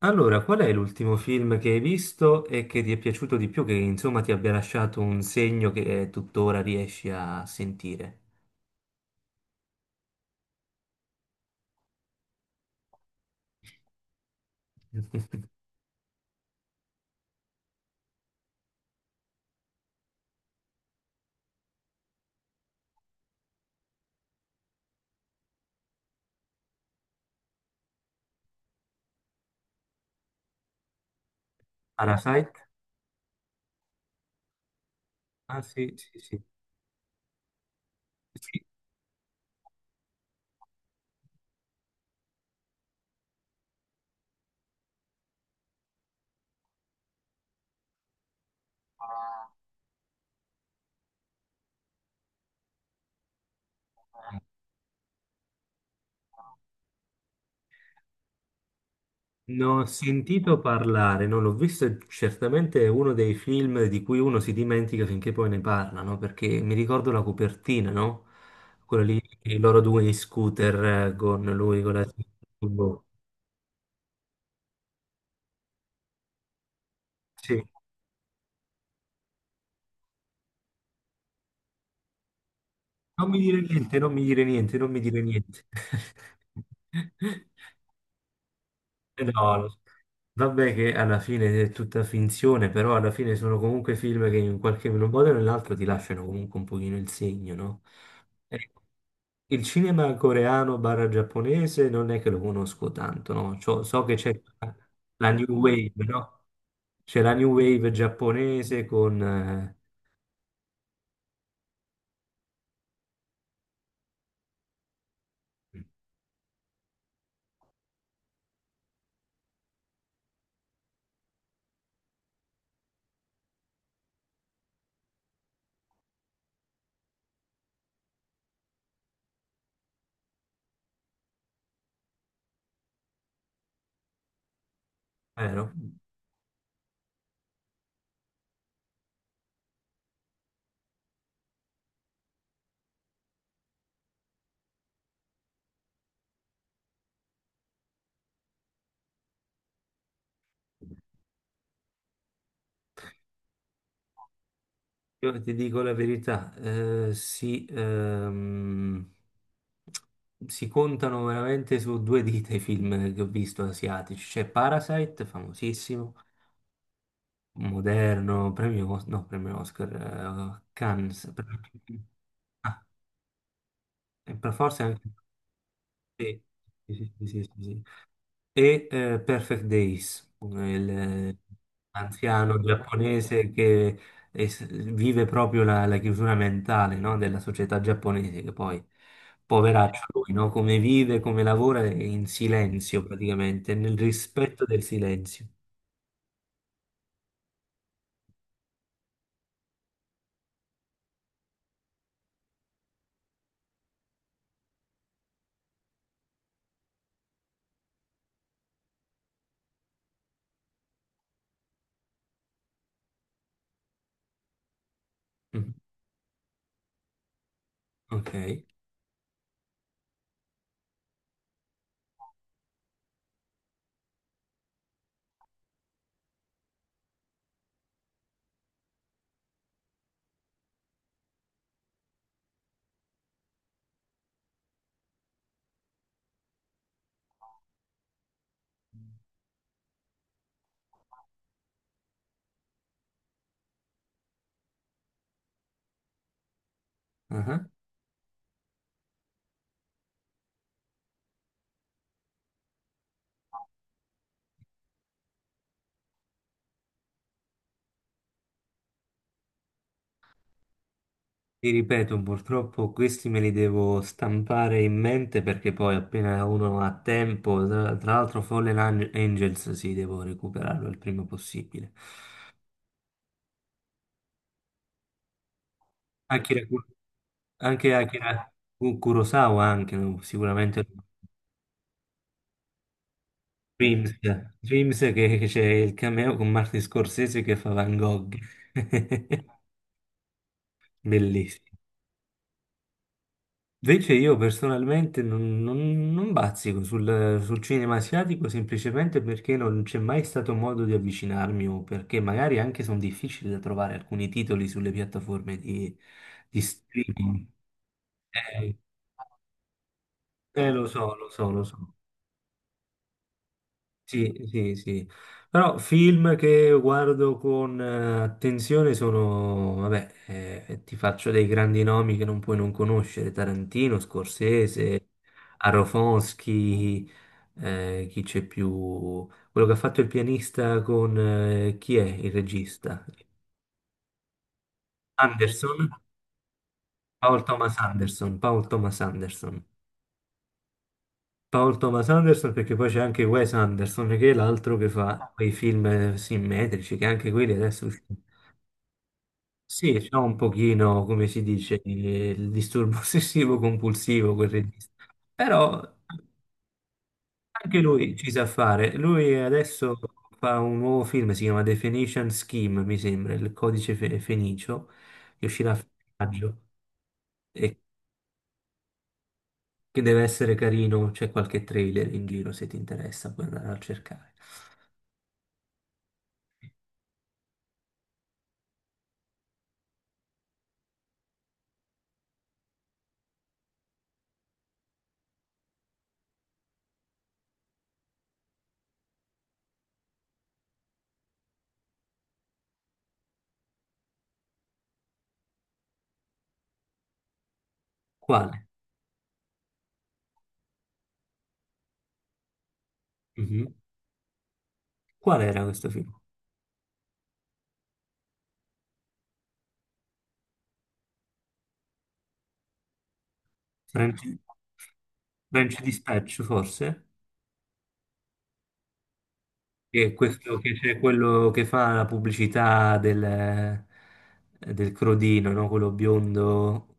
Allora, qual è l'ultimo film che hai visto e che ti è piaciuto di più, che insomma ti abbia lasciato un segno che tuttora riesci a sentire? Parasite? Ah sì, sì, sì. Sì. Ne ho sentito parlare, non l'ho visto, e certamente è uno dei film di cui uno si dimentica finché poi ne parlano, perché mi ricordo la copertina, no? Quella lì, i loro due in scooter con lui, con la. Sì. Non mi dire niente, non mi dire niente, non mi dire niente. Eh no, vabbè che alla fine è tutta finzione, però alla fine sono comunque film che in qualche modo o nell'altro ti lasciano comunque un pochino il segno, no? Ecco. Il cinema coreano/giapponese non è che lo conosco tanto, no? So che c'è la New Wave, no? C'è la New Wave giapponese con vero? Io ti dico la verità, si contano veramente su due dita i film che ho visto asiatici. C'è Parasite, famosissimo, moderno, premio, no, premio Oscar, Cannes, ah, e per forza anche. Sì, sì, sì, sì, sì, sì, sì. E Perfect Days, il eh, anziano giapponese che es- vive proprio la, chiusura mentale, no, della società giapponese, che poi, poveraccio lui, no, come vive, come lavora è in silenzio praticamente, nel rispetto del silenzio. Mm. Ok. Ah. Ti ripeto, purtroppo questi me li devo stampare in mente perché poi appena uno ha tempo, tra l'altro Fallen Angels, sì, devo recuperarlo il prima possibile. Akira, Ku- anche Akira Kurosawa, anche no? Sicuramente Dreams, Dreams che c'è il cameo con Martin Scorsese che fa Van Gogh, bellissimo. Invece io personalmente non bazzico sul cinema asiatico semplicemente perché non c'è mai stato modo di avvicinarmi o perché magari anche sono difficili da trovare alcuni titoli sulle piattaforme di, streaming. Eh, Lo so, lo so, lo so. Sì, sì, sì. Però film che guardo con attenzione sono, vabbè, ti faccio dei grandi nomi che non puoi non conoscere, Tarantino, Scorsese, Aronofsky, chi c'è più? Quello che ha fatto il pianista con, chi è il regista? Anderson? Paul Thomas Anderson, Paul Thomas Anderson. Paul Thomas Anderson perché poi c'è anche Wes Anderson che è l'altro che fa quei film simmetrici che anche quelli adesso usciti. Sì, c'è un pochino, come si dice, il disturbo ossessivo compulsivo, quel regista. Però anche lui ci sa fare. Lui adesso fa un nuovo film, si chiama Definition Scheme, mi sembra, il codice fenicio, che uscirà a maggio e che deve essere carino. C'è qualche trailer in giro, se ti interessa, puoi andare a cercare. Quale? Mhm. Qual era questo film? French, French Dispatch, forse? Che questo che c'è quello che fa la pubblicità del Crodino, no? Quello biondo,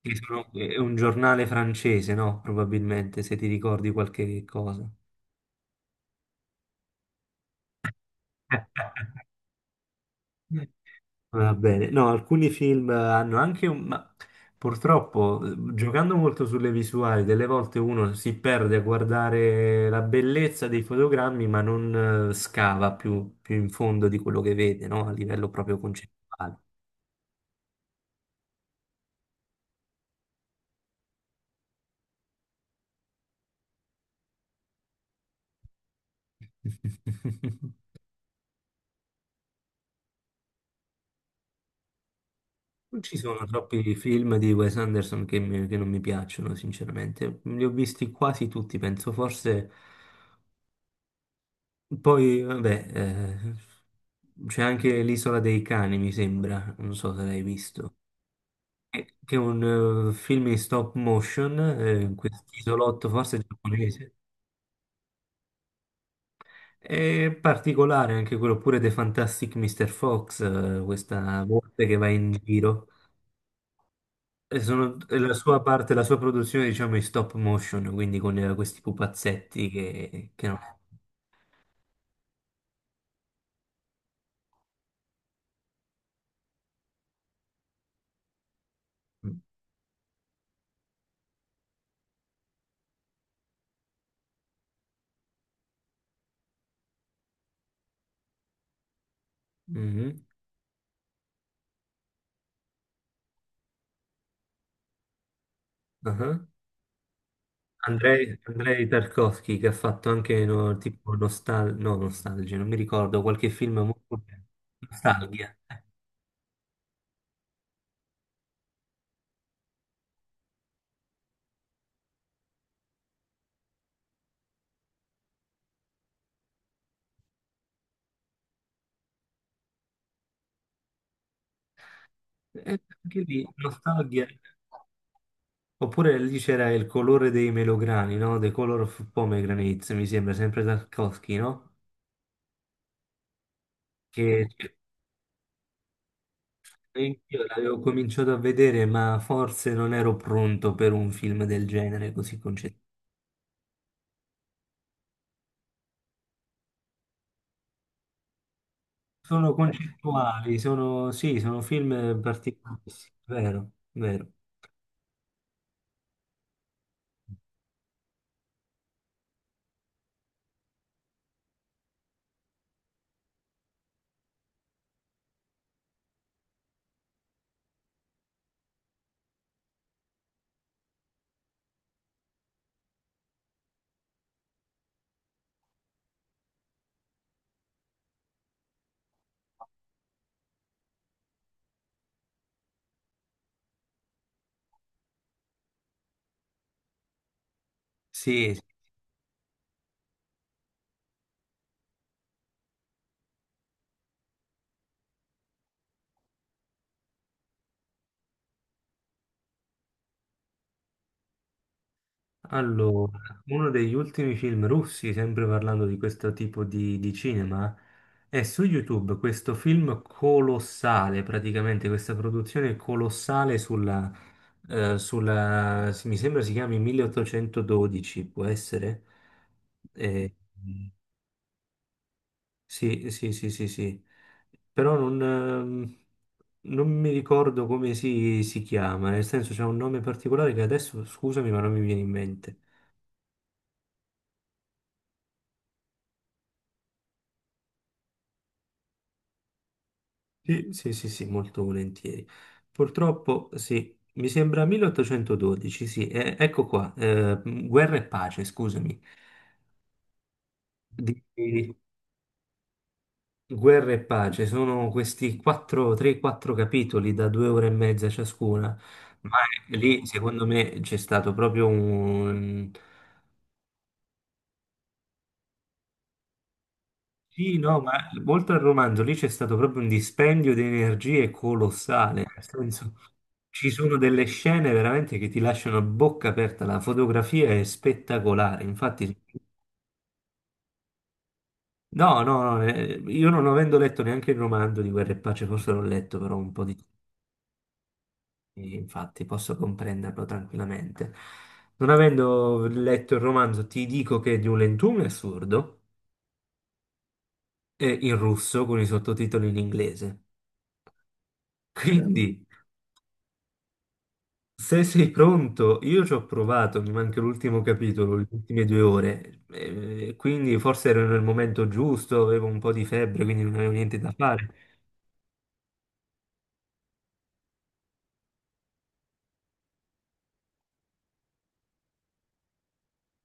che è un giornale francese, no? Probabilmente, se ti ricordi qualche cosa. Va bene, no, alcuni film hanno anche ma purtroppo, giocando molto sulle visuali, delle volte uno si perde a guardare la bellezza dei fotogrammi, ma non scava più in fondo di quello che vede, no? A livello proprio concettuale. Non ci sono troppi film di Wes Anderson che non mi piacciono, sinceramente. Li ho visti quasi tutti, penso. Forse poi, vabbè, c'è anche L'Isola dei Cani, mi sembra. Non so se l'hai visto. Che è un film in stop motion, in quest'isolotto, forse giapponese. È particolare anche quello pure The Fantastic Mr. Fox, questa volpe che va in giro. E la sua parte, la sua produzione, diciamo, in stop motion, quindi con questi pupazzetti che no. Mhm. Ah. Andrei Tarkovsky che ha fatto anche no, tipo nostal no, Nostalgia, non mi ricordo, qualche film molto bello. Nostalgia. Anche lì, Nostalgia. Oppure lì c'era il colore dei melograni, no? The Color of Pomegranates, mi sembra, sempre Tarkovsky, no? Che Io l'avevo cominciato a vedere, ma forse non ero pronto per un film del genere così concettuale. Sono concettuali, sì, sono film particolari, vero, vero. Sì, sì. Allora, uno degli ultimi film russi, sempre parlando di questo tipo di, cinema, è su YouTube questo film colossale, praticamente questa produzione colossale mi sembra si chiami 1812, può essere? Eh, sì, sì, sì, sì, sì, però non mi ricordo come si chiama, nel senso c'è un nome particolare che adesso, scusami, ma non mi viene in mente. Sì, sì, sì, sì, molto volentieri. Purtroppo, sì, mi sembra 1812, sì, ecco qua, Guerra e Pace, scusami, di Guerra e Pace, sono questi 4, 3-4 capitoli da 2 ore e mezza ciascuna, ma lì secondo me c'è stato proprio un. Sì, no, ma oltre al romanzo, lì c'è stato proprio un dispendio di energie colossale, nel senso ci sono delle scene veramente che ti lasciano a bocca aperta, la fotografia è spettacolare, infatti no, no, no, io non avendo letto neanche il romanzo di Guerra e Pace, forse l'ho letto però un po' di. Infatti posso comprenderlo tranquillamente. Non avendo letto il romanzo ti dico che è di un lentume assurdo, e in russo con i sottotitoli in inglese. Certo. Quindi se sei pronto, io ci ho provato, mi manca l'ultimo capitolo, le ultime 2 ore, quindi forse ero nel momento giusto, avevo un po' di febbre, quindi non avevo niente da fare.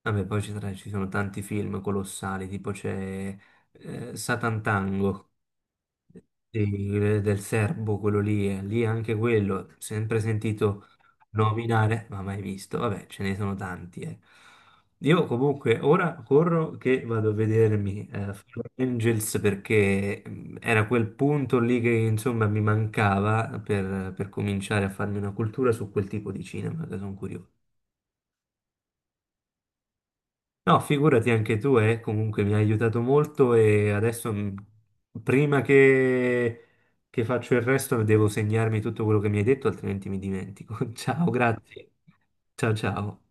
Vabbè, poi ci sono tanti film colossali, tipo c'è Satan Tango del serbo, quello lì, lì anche quello, sempre sentito nominare, ma mai visto. Vabbè, ce ne sono tanti, eh. Io comunque ora corro che vado a vedermi Fallen Angels perché era quel punto lì che insomma mi mancava per cominciare a farmi una cultura su quel tipo di cinema, che sono curioso. No, figurati anche tu, comunque mi hai aiutato molto e adesso prima che faccio il resto devo segnarmi tutto quello che mi hai detto, altrimenti mi dimentico. Ciao, grazie. Ciao ciao.